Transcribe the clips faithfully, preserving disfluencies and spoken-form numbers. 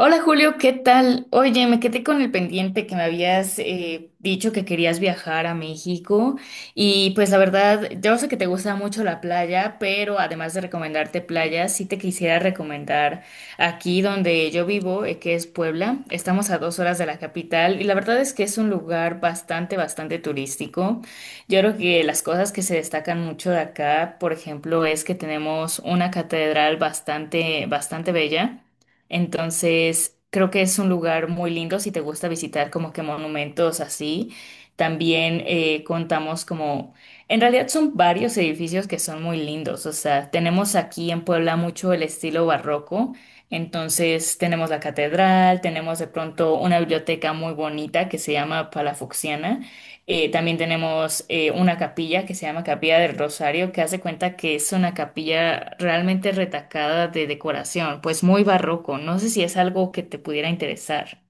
Hola Julio, ¿qué tal? Oye, me quedé con el pendiente que me habías eh, dicho que querías viajar a México y pues la verdad, yo sé que te gusta mucho la playa, pero además de recomendarte playas, sí te quisiera recomendar aquí donde yo vivo, eh, que es Puebla. Estamos a dos horas de la capital y la verdad es que es un lugar bastante, bastante turístico. Yo creo que las cosas que se destacan mucho de acá, por ejemplo, es que tenemos una catedral bastante, bastante bella. Entonces, creo que es un lugar muy lindo si te gusta visitar como que monumentos así. También eh, contamos como, en realidad son varios edificios que son muy lindos. O sea, tenemos aquí en Puebla mucho el estilo barroco. Entonces, tenemos la catedral, tenemos de pronto una biblioteca muy bonita que se llama Palafoxiana, eh, también tenemos eh, una capilla que se llama Capilla del Rosario, que hace cuenta que es una capilla realmente retacada de decoración, pues muy barroco. No sé si es algo que te pudiera interesar.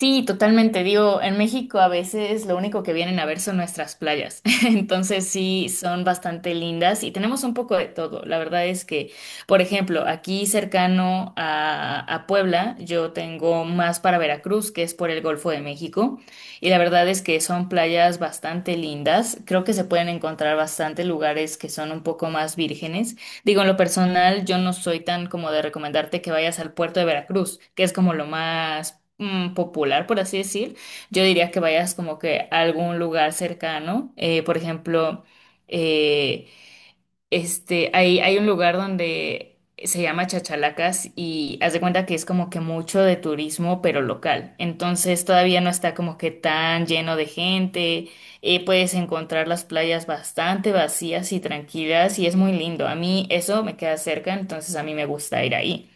Sí, totalmente. Digo, en México a veces lo único que vienen a ver son nuestras playas. Entonces sí, son bastante lindas y tenemos un poco de todo. La verdad es que, por ejemplo, aquí cercano a, a Puebla, yo tengo más para Veracruz, que es por el Golfo de México. Y la verdad es que son playas bastante lindas. Creo que se pueden encontrar bastante lugares que son un poco más vírgenes. Digo, en lo personal, yo no soy tan como de recomendarte que vayas al puerto de Veracruz, que es como lo más mm, popular, por así decir. Yo diría que vayas como que a algún lugar cercano, eh, por ejemplo, eh, este, hay, hay un lugar donde se llama Chachalacas y haz de cuenta que es como que mucho de turismo, pero local. Entonces todavía no está como que tan lleno de gente. Eh, puedes encontrar las playas bastante vacías y tranquilas y es muy lindo. A mí eso me queda cerca, entonces a mí me gusta ir ahí.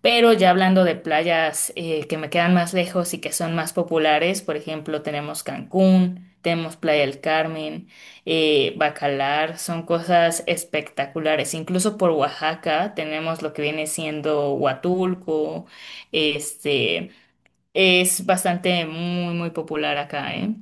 Pero ya hablando de playas, eh, que me quedan más lejos y que son más populares, por ejemplo, tenemos Cancún, tenemos Playa del Carmen, eh, Bacalar, son cosas espectaculares. Incluso por Oaxaca tenemos lo que viene siendo Huatulco, este, es bastante muy, muy popular acá, ¿eh?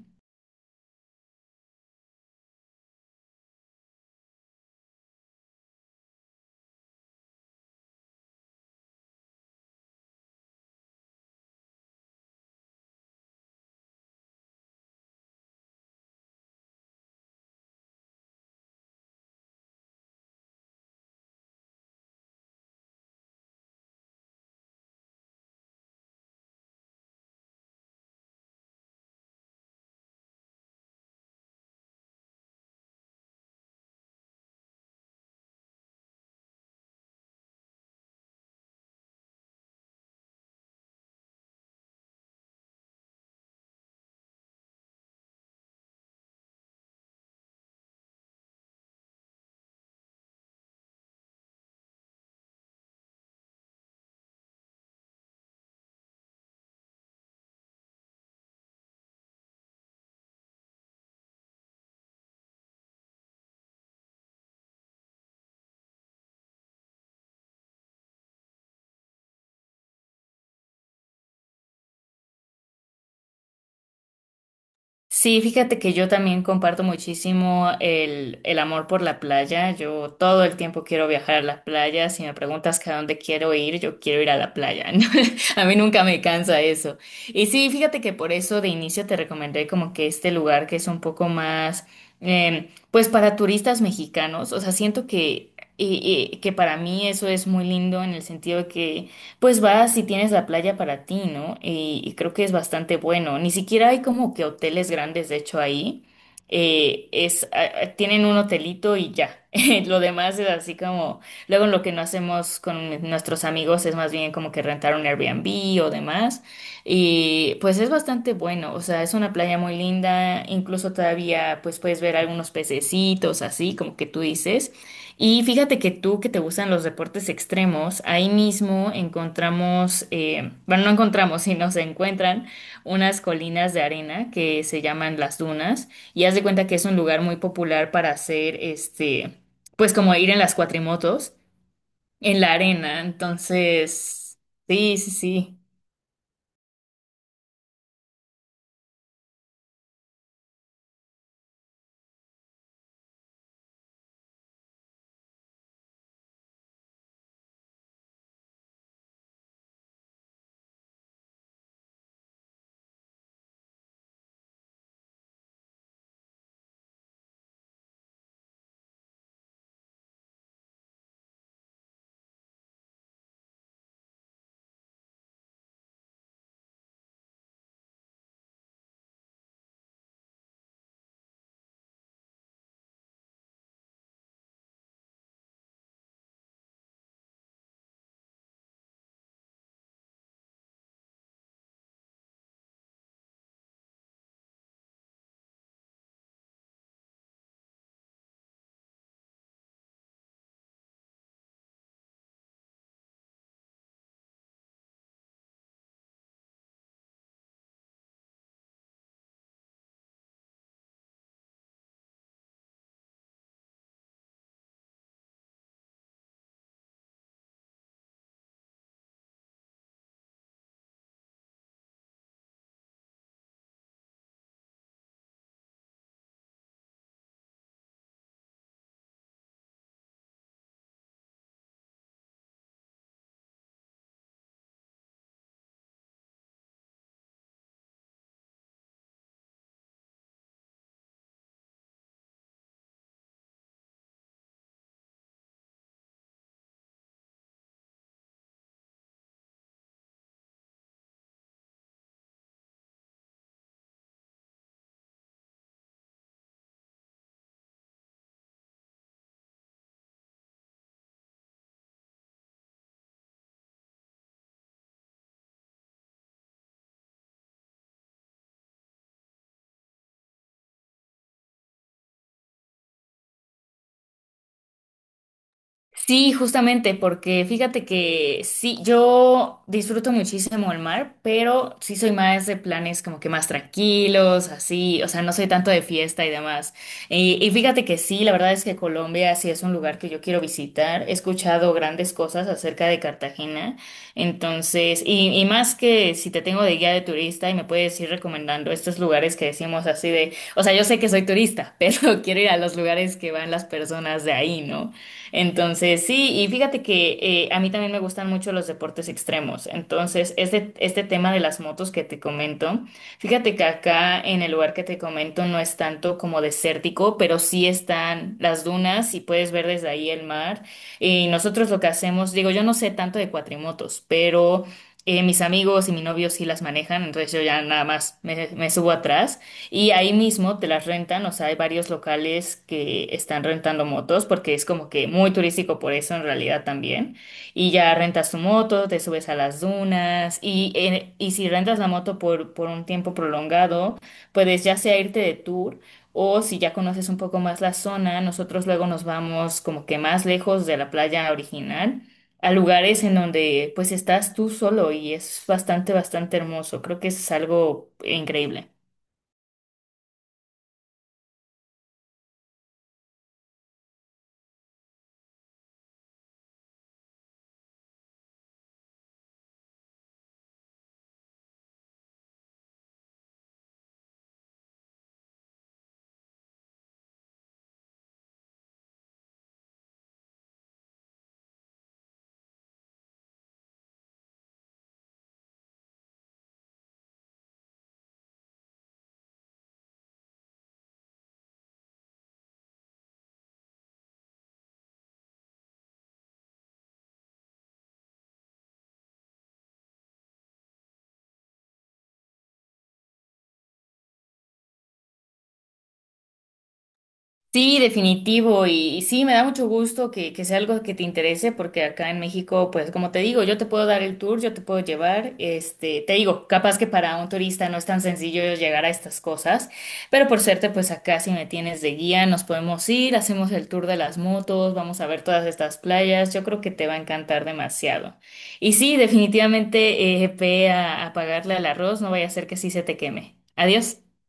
Sí, fíjate que yo también comparto muchísimo el, el amor por la playa. Yo todo el tiempo quiero viajar a las playas. Si me preguntas que a dónde quiero ir, yo quiero ir a la playa. ¿No? A mí nunca me cansa eso. Y sí, fíjate que por eso de inicio te recomendé como que este lugar que es un poco más, eh, pues para turistas mexicanos. O sea, siento que, y- y- que para mí eso es muy lindo en el sentido de que pues vas si tienes la playa para ti, ¿no? Y, y creo que es bastante bueno. Ni siquiera hay como que hoteles grandes, de hecho, ahí. Eh, es, a- a- tienen un hotelito y ya. Lo demás es así como, luego lo que no hacemos con nuestros amigos es más bien como que rentar un Airbnb o demás. Y pues es bastante bueno, o sea, es una playa muy linda, incluso todavía pues puedes ver algunos pececitos así, como que tú dices. Y fíjate que tú que te gustan los deportes extremos, ahí mismo encontramos, eh, bueno, no encontramos, sino se encuentran unas colinas de arena que se llaman las dunas y haz de cuenta que es un lugar muy popular para hacer, este, pues como ir en las cuatrimotos en la arena. Entonces, sí, sí, sí. Sí, justamente, porque fíjate que sí, yo disfruto muchísimo el mar, pero sí soy más de planes como que más tranquilos, así, o sea, no soy tanto de fiesta y demás. Y, y fíjate que sí, la verdad es que Colombia sí es un lugar que yo quiero visitar. He escuchado grandes cosas acerca de Cartagena, entonces, y, y más que si te tengo de guía de turista y me puedes ir recomendando estos lugares que decimos así de, o sea, yo sé que soy turista, pero quiero ir a los lugares que van las personas de ahí, ¿no? Entonces, sí, y fíjate que eh, a mí también me gustan mucho los deportes extremos. Entonces, este, este tema de las motos que te comento, fíjate que acá en el lugar que te comento no es tanto como desértico, pero sí están las dunas y puedes ver desde ahí el mar. Y nosotros lo que hacemos, digo, yo no sé tanto de cuatrimotos, pero eh, mis amigos y mi novio sí las manejan, entonces yo ya nada más me, me subo atrás. Y ahí mismo te las rentan, o sea, hay varios locales que están rentando motos porque es como que muy turístico por eso en realidad también. Y ya rentas tu moto, te subes a las dunas y, en- y si rentas la moto por, por un tiempo prolongado, puedes ya sea irte de tour o si ya conoces un poco más la zona, nosotros luego nos vamos como que más lejos de la playa original a lugares en donde pues estás tú solo y es bastante, bastante hermoso. Creo que es algo increíble. Sí, definitivo. Y, y sí, me da mucho gusto que, que sea algo que te interese, porque acá en México, pues como te digo, yo te puedo dar el tour, yo te puedo llevar. Este, te digo, capaz que para un turista no es tan sencillo llegar a estas cosas, pero por suerte, pues acá si me tienes de guía, nos podemos ir, hacemos el tour de las motos, vamos a ver todas estas playas. Yo creo que te va a encantar demasiado. Y sí, definitivamente, eh, ve a, a pagarle al arroz, no vaya a ser que sí se te queme. Adiós.